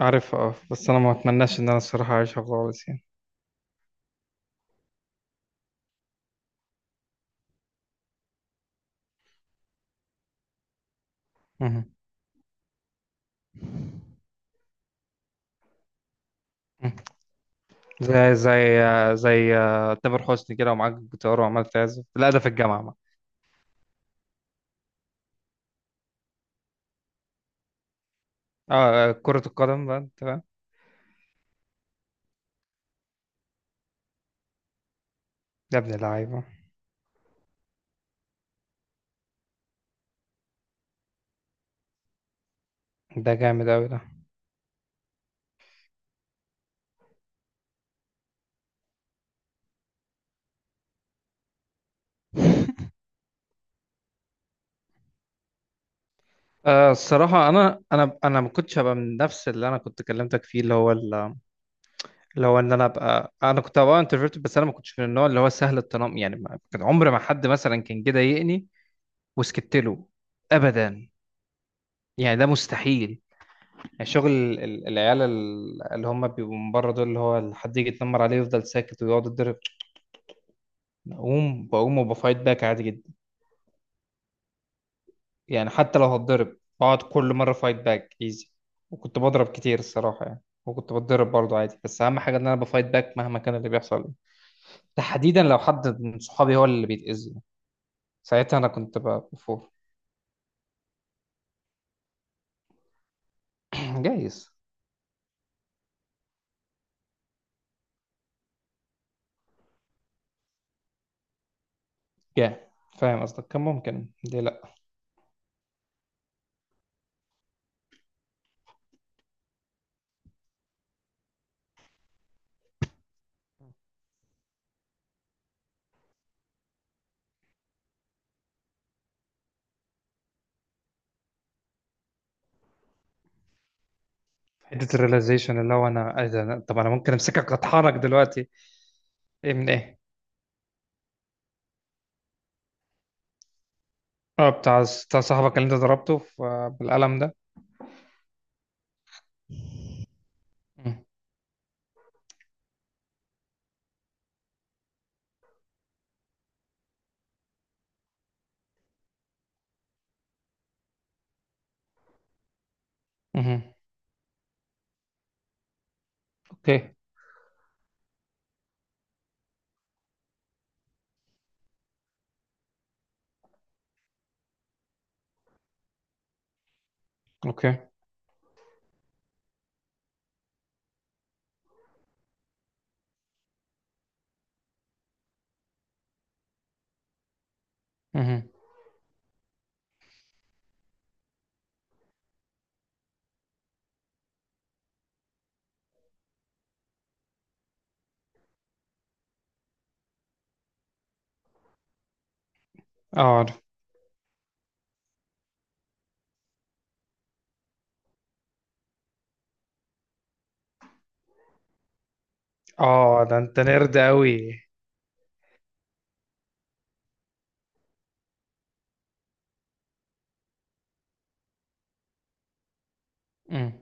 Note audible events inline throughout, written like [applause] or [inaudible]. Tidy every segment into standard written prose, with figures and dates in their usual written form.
عارفها اه، بس انا ما اتمناش ان انا الصراحه اعيشها خالص يعني مهم. مهم. زي زي تامر حسني كده ومعاك جيتار وعمال تعزف، لا ده في الجامعه بقى. اه كره القدم بقى، انت فاهم؟ يا ابن اللعيبه، ده جامد قوي ده. [laughs] آه الصراحه انا ما كنتش هبقى من نفس اللي انا كنت كلمتك فيه اللي هو اللي هو ان انا ابقى، انا كنت هبقى انترفيرت، بس انا ما كنتش من النوع اللي هو سهل التنمر، يعني كان عمر ما حد مثلا كان جه ضايقني وسكت له، ابدا. يعني ده مستحيل. يعني شغل العيال اللي هم بيبقوا من بره دول، اللي هو حد يجي يتنمر عليه يفضل ساكت ويقعد يتضرب؟ بقوم وبفايت باك عادي جدا. يعني حتى لو هتضرب بقعد كل مرة فايت باك ايزي. وكنت بضرب كتير الصراحة يعني، وكنت بتضرب برضه عادي، بس أهم حاجة إن أنا بفايت باك مهما كان اللي بيحصل، تحديدا لو حد من صحابي هو اللي بيتأذي. ساعتها أنا كنت بفور. [clears throat] جايز. جاي. فاهم قصدك، كان ممكن، ليه لأ. حتة الريلايزيشن اللي هو أنا إيه ده، طب أنا ممكن أمسكك أطحنك دلوقتي. إيه من إيه؟ اه بتاع بتاع صاحبك اللي انت ضربته بالقلم ده؟ مم. مم. اوكي. اوكي. مم. اه عارف. اه ده انت نرد قوي. مم.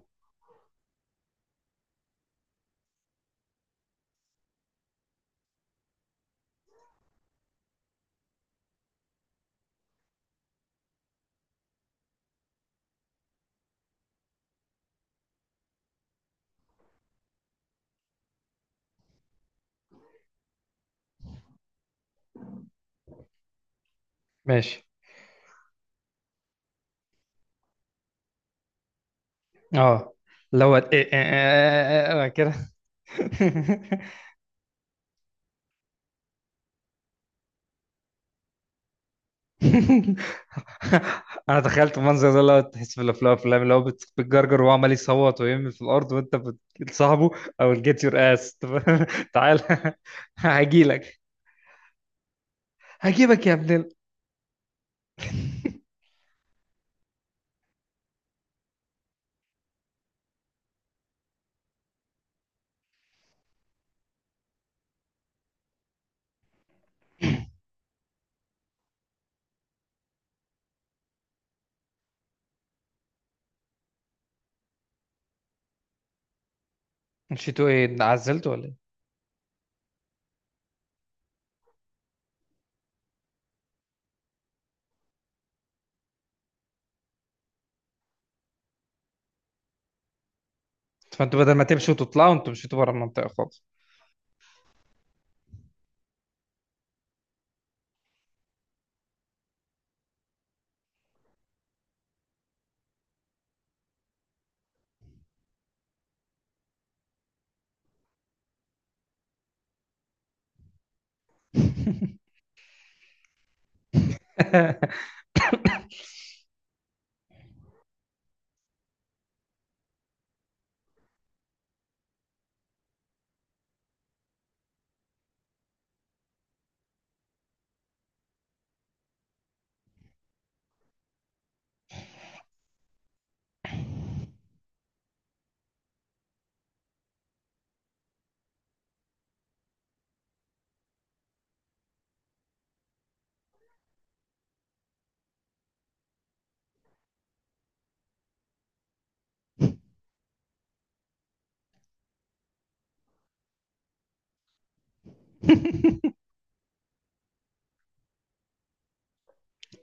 ماشي. اه لو كده. [laughs] انا تخيلت المنظر ده، لو تحس في الافلام، الافلام اللي هو بتجرجر وهو عمال يصوت ويرمي في الارض، وانت بتصاحبه، او جيت يور اس. [laughs] تعال هجيلك، هجيبك يا ابن ال-. [laughs] مشيتوا ايه، عزلتوا ولا ايه؟ فانتوا بدل ما تمشوا وتطلعوا انتوا مشيتوا بره المنطقه خالص؟ [laughs]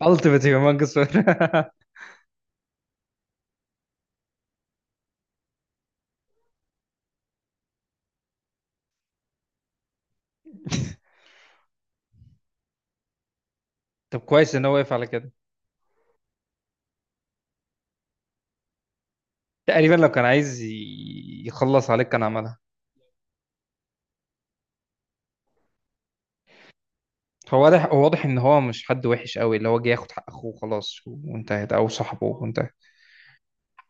Ultimate humongous winner. [laughs] طب كويس ان هو وقف على كده. تقريبا لو كان عايز يخلص عليك كان عملها. هو واضح، هو واضح ان هو مش حد وحش قوي، اللي هو جه ياخد حق اخوه خلاص وانتهت، او صاحبه وانتهت.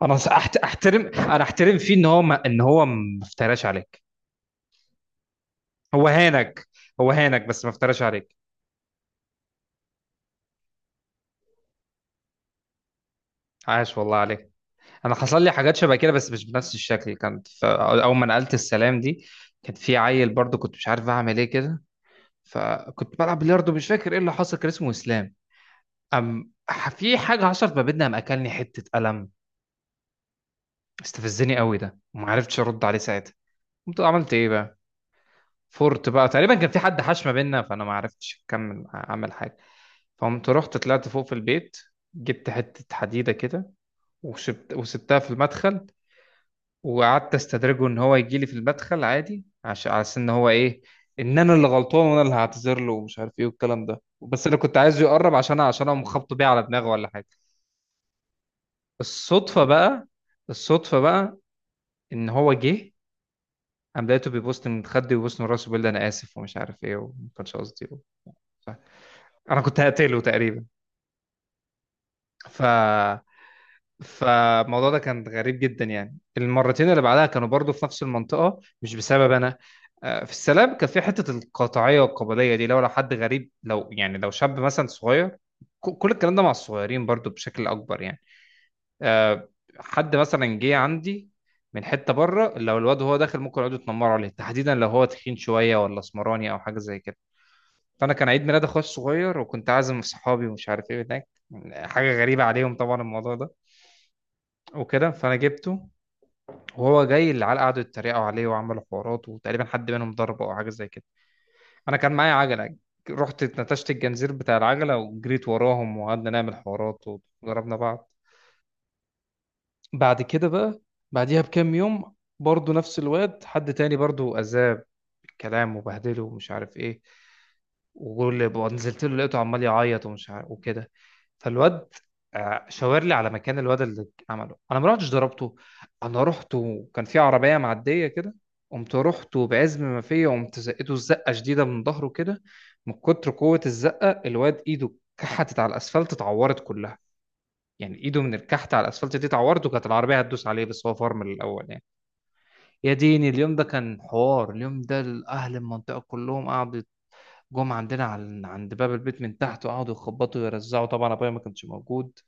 انا احترم، انا احترم فيه ان هو ما افتراش عليك. هو هانك. هو هانك بس ما افتراش عليك. عاش والله عليك. انا حصل لي حاجات شبه كده بس مش بنفس الشكل، كانت اول ما نقلت السلام دي كان في عيل برضو، كنت مش عارف اعمل ايه كده. فكنت بلعب بلياردو، مش فاكر ايه اللي حصل، كان اسمه اسلام. في حاجه حصلت ما بيننا، قام اكلني حته قلم. استفزني قوي ده وما عرفتش ارد عليه ساعتها. قمت عملت ايه بقى؟ فورت بقى. تقريبا كان في حد حاش ما بيننا، فانا ما عرفتش اكمل اعمل حاجه. فقمت رحت طلعت فوق في البيت، جبت حته حديده كده وسبتها في المدخل، وقعدت استدرجه ان هو يجي لي في المدخل عادي، عشان على أساس ان هو ايه، ان انا اللي غلطان وانا اللي هعتذر له ومش عارف ايه والكلام ده، بس انا كنت عايزه يقرب عشان اقوم خبطه بيه على دماغه ولا حاجه. الصدفه بقى، الصدفه بقى، ان هو جه، قام لقيته بيبوست من خدي وبيبوست من راسه بيقول لي انا اسف ومش عارف ايه وما كانش قصدي. انا كنت هقتله تقريبا. ف فالموضوع ده كان غريب جدا. يعني المرتين اللي بعدها كانوا برضو في نفس المنطقة مش بسبب أنا. في السلام كان في حتة القطاعية والقبلية دي، لو حد غريب، لو يعني لو شاب مثلا صغير، كل الكلام ده مع الصغيرين برضو بشكل أكبر يعني. آه، حد مثلا جه عندي من حتة بره، لو الواد هو داخل ممكن يقعدوا يتنمروا عليه، تحديدا لو هو تخين شوية ولا اسمراني أو حاجة زي كده. فأنا كان عيد ميلاد أخويا الصغير وكنت عازم صحابي ومش عارف إيه، هناك حاجة غريبة عليهم طبعا الموضوع ده وكده، فأنا جبته. وهو جاي العيال قعدوا يتريقوا عليه وعملوا حوارات وتقريبا حد منهم ضربه او حاجه زي كده. انا كان معايا عجله، رحت اتنتشت الجنزير بتاع العجله وجريت وراهم وقعدنا نعمل حوارات. وضربنا بعض. بعد كده بقى، بعديها بكام يوم برضه نفس الواد حد تاني برضه أذاه بالكلام وبهدله ومش عارف إيه. وجول نزلت له لقيته عمال يعيط ومش عارف وكده. فالواد شاور لي على مكان الواد اللي عمله. انا ما رحتش ضربته، انا رحت وكان في عربيه معديه كده، قمت رحت وبعزم ما فيا قمت زقته الزقه شديده من ظهره كده. من كتر قوه الزقه الواد ايده كحتت على الاسفلت، اتعورت كلها، يعني ايده من الكحت على الاسفلت دي تعورته، كانت العربيه هتدوس عليه بس هو فرمل الاول يعني. يا ديني اليوم ده كان حوار، اليوم ده اهل المنطقه كلهم قعدوا جم عندنا على عند باب البيت من تحت وقعدوا يخبطوا ويرزعوا، طبعا ابويا ما كانش موجود.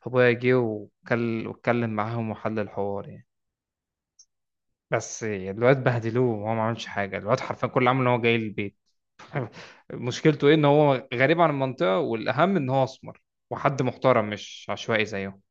فابويا جه واتكلم معاهم وحل الحوار يعني. بس الواد بهدلوه وهو ما عملش حاجه، الواد حرفيا كل اللي عمله ان هو جاي البيت. [laughs] مشكلته ايه؟ ان هو غريب عن المنطقه والاهم ان هو اسمر، وحد محترم مش عشوائي زيهم.